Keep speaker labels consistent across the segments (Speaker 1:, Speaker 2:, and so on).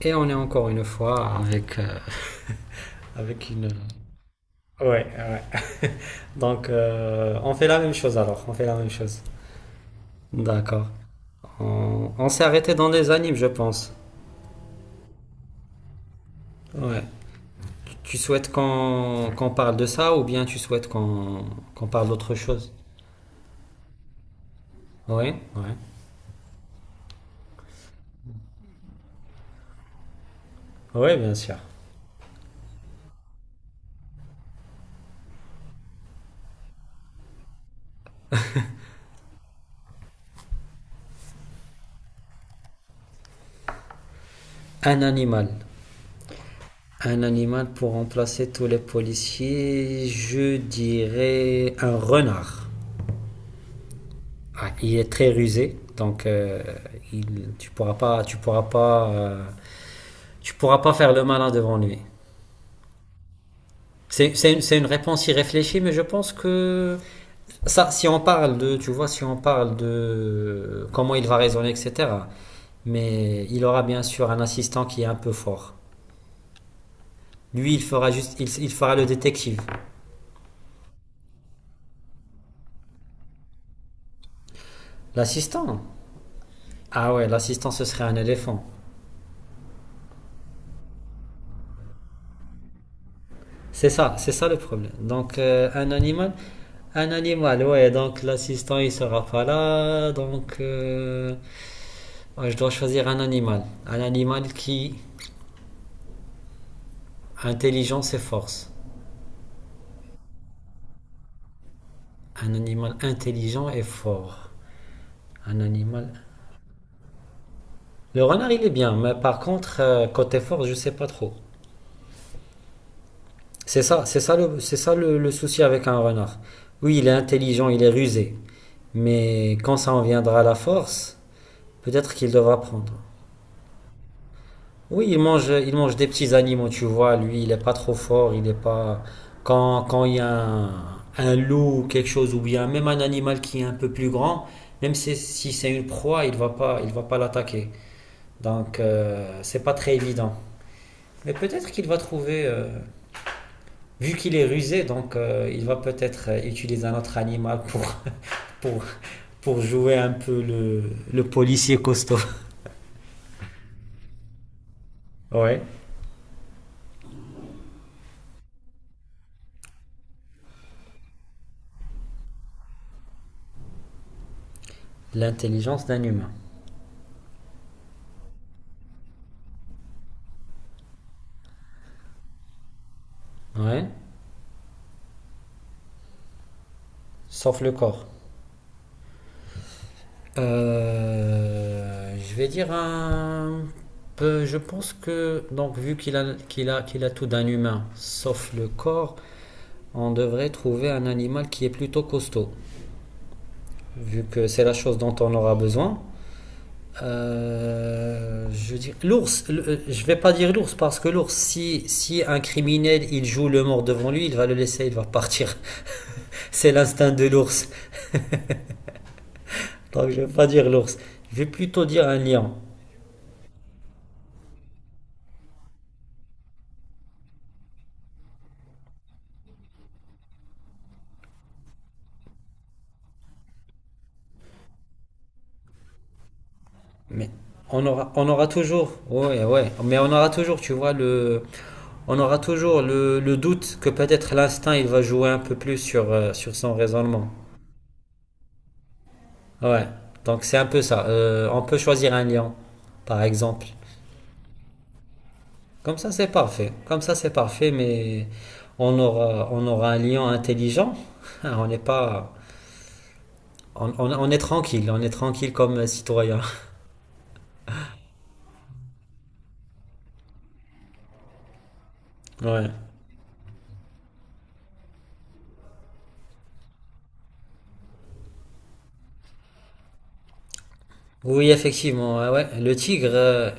Speaker 1: Et on est encore une fois avec. Avec une. Ouais, ouais. Donc, on fait la même chose alors. On fait la même chose. D'accord. On s'est arrêté dans les animes, je pense. Ouais. Tu souhaites qu'on parle de ça ou bien tu souhaites qu'on parle d'autre chose. Oui. Ouais. Ouais, bien sûr. Un animal. Un animal pour remplacer tous les policiers, je dirais un renard. Ah, il est très rusé, donc tu pourras pas, tu pourras pas, tu pourras pas faire le malin devant lui. C'est une, c'est une réponse irréfléchie, mais je pense que ça, si on parle de, tu vois, si on parle de comment il va raisonner, etc. Mais il aura bien sûr un assistant qui est un peu fort. Lui, il fera juste, il fera le détective. L'assistant? Ah ouais, l'assistant, ce serait un éléphant. C'est ça le problème. Donc, un animal, ouais, donc l'assistant il sera pas là, donc ouais, je dois choisir un animal. Un animal qui, intelligence et force. Un animal intelligent et fort. Un animal. Le renard il est bien, mais par contre, côté force, je sais pas trop. C'est ça le souci avec un renard. Oui, il est intelligent, il est rusé, mais quand ça en viendra à la force, peut-être qu'il devra prendre. Oui, il mange des petits animaux, tu vois. Lui, il est pas trop fort, il est pas. Quand il y a un loup ou quelque chose, ou bien même un animal qui est un peu plus grand, même si, si c'est une proie, il va pas l'attaquer. Donc, c'est pas très évident. Mais peut-être qu'il va trouver, vu qu'il est rusé, donc il va peut-être utiliser un autre animal pour, pour jouer un peu le policier costaud. Ouais. L'intelligence d'un humain. Ouais. Sauf le corps. Je vais dire un peu. Je pense que, donc, vu qu'il a, qu'il a, qu'il a tout d'un humain, sauf le corps, on devrait trouver un animal qui est plutôt costaud, vu que c'est la chose dont on aura besoin. Je veux dire, l'ours, je vais pas dire l'ours parce que l'ours, si, si un criminel il joue le mort devant lui, il va le laisser, il va partir. C'est l'instinct de l'ours. Donc je vais pas dire l'ours. Je vais plutôt dire un lion. Mais on aura toujours, ouais, ouais, mais on aura toujours, tu vois, le, on aura toujours le doute que peut-être l'instinct, il va jouer un peu plus sur, sur son raisonnement. Ouais, donc c'est un peu ça. On peut choisir un lion, par exemple. Comme ça, c'est parfait. Comme ça, c'est parfait, mais on aura un lion intelligent. On n'est pas, on, on est tranquille comme citoyen. Ouais. Oui, effectivement, ouais, ouais. Le tigre,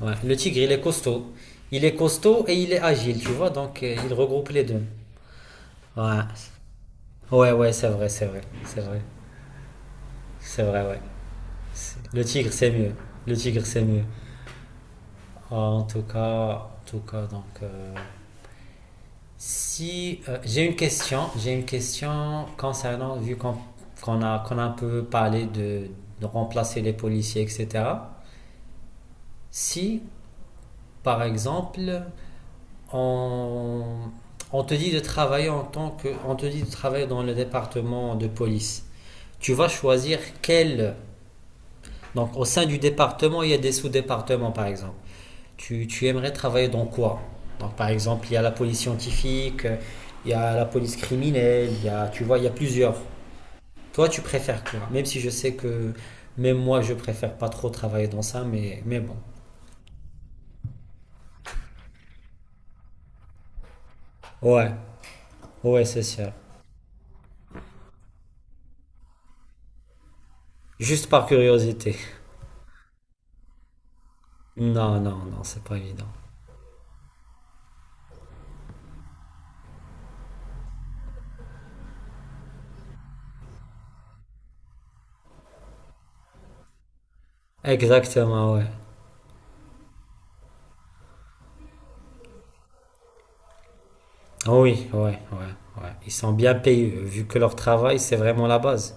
Speaker 1: ouais, le tigre, il est costaud. Il est costaud et il est agile, tu vois, donc il regroupe les deux. Ouais, ouais, ouais, c'est vrai, c'est vrai, c'est vrai, c'est vrai, ouais. Le tigre, c'est mieux. Le tigre, c'est mieux. Ah, en tout cas, en tout cas, donc, si j'ai une question, j'ai une question concernant, vu qu'on a, qu'on a un peu parlé de remplacer les policiers, etc. Si, par exemple, on, on te dit de travailler en tant que, on te dit de travailler dans le département de police. Tu vas choisir quel, donc au sein du département, il y a des sous-départements par exemple. Tu aimerais travailler dans quoi? Donc par exemple, il y a la police scientifique, il y a la police criminelle, il y a, tu vois, il y a plusieurs. Toi, tu préfères quoi? Même si je sais que même moi, je préfère pas trop travailler dans ça, mais bon. Ouais, ouais, c'est sûr. Juste par curiosité. Non, non, non, c'est pas évident. Exactement, ouais. Ah oui, ouais, ouais, ouais. Ils sont bien payés, vu que leur travail, c'est vraiment la base.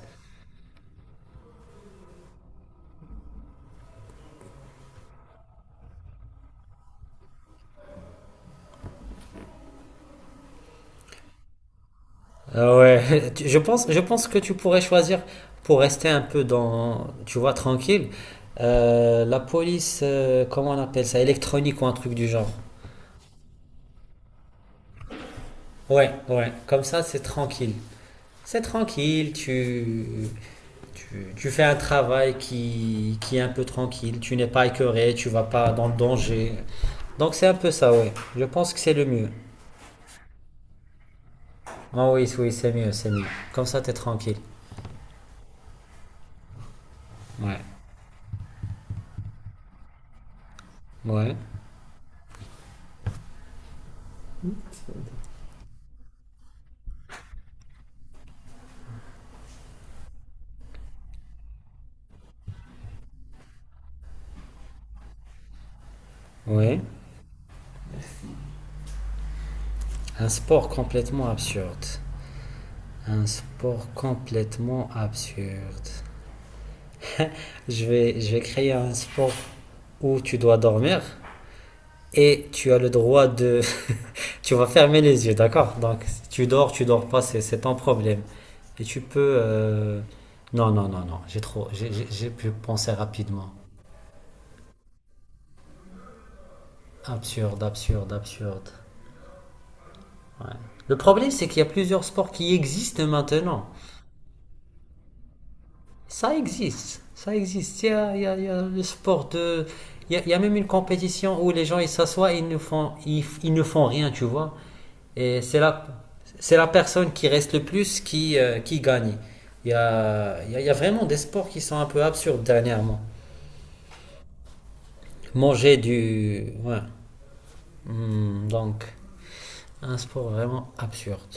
Speaker 1: Ah ouais, je pense que tu pourrais choisir pour rester un peu dans, tu vois, tranquille, la police, comment on appelle ça, électronique ou un truc du genre. Ouais, ouais, comme ça, c'est tranquille. C'est tranquille, tu, tu fais un travail qui est un peu tranquille, tu n'es pas écœuré, tu vas pas dans le danger. Donc c'est un peu ça, ouais. Je pense que c'est le mieux. Oh oui, oui, c'est mieux, c'est mieux. Comme ça, t'es tranquille. Ouais, ouais, ouais. Un sport complètement absurde. Un sport complètement absurde. Je vais créer un sport où tu dois dormir et tu as le droit de... Tu vas fermer les yeux, d'accord? Donc, si tu dors, tu dors pas, c'est ton problème. Et tu peux... non, non, non, non. J'ai trop... j'ai pu penser rapidement. Absurde, absurde, absurde. Ouais. Le problème, c'est qu'il y a plusieurs sports qui existent maintenant. Ça existe, ça existe. Il y a, il y a le sport de... il y a même une compétition où les gens, ils s'assoient et ils ne font, ils ne font rien, tu vois. Et c'est la personne qui reste le plus qui gagne. Il y a, il y a vraiment des sports qui sont un peu absurdes dernièrement. Manger du... Ouais. Donc, un sport vraiment absurde.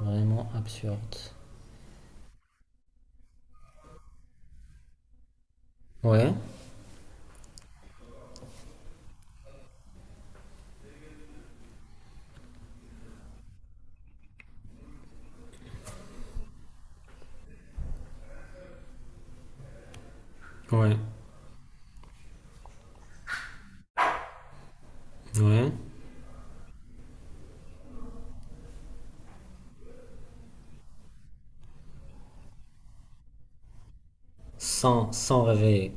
Speaker 1: Vraiment absurde. Ouais. Ouais. Ouais. Sans, sans réveiller.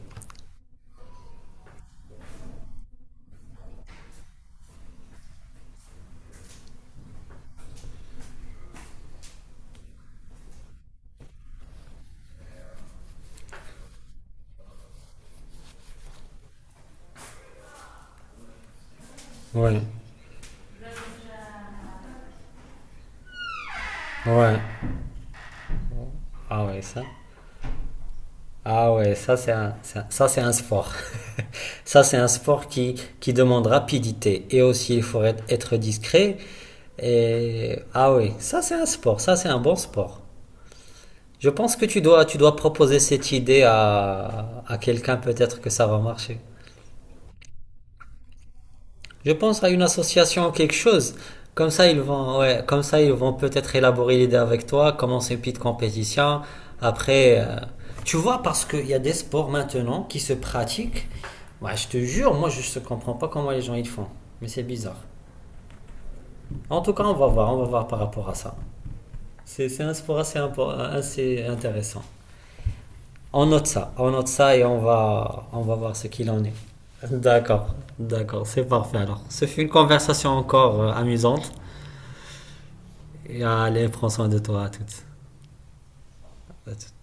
Speaker 1: Ouais, ouais. Ah ouais, ça. Ah ouais, ça c'est un, ça c'est un sport. Ça c'est un sport qui demande rapidité et aussi il faut être, être discret. Et ah oui, ça c'est un sport, ça c'est un bon sport. Je pense que tu dois proposer cette idée à quelqu'un, peut-être que ça va marcher. Je pense à une association ou quelque chose. Comme ça, ils vont, ouais, comme ça, ils vont peut-être élaborer l'idée avec toi, commencer une petite compétition. Après, tu vois, parce qu'il y a des sports maintenant qui se pratiquent. Ouais, je te jure, moi, je ne comprends pas comment les gens ils font. Mais c'est bizarre. En tout cas, on va voir par rapport à ça. C'est un sport assez, assez intéressant. On note ça et on va voir ce qu'il en est. D'accord, d'accord, c'est parfait alors. Ce fut une conversation encore amusante. Et allez, prends soin de toi à toutes. À toutes.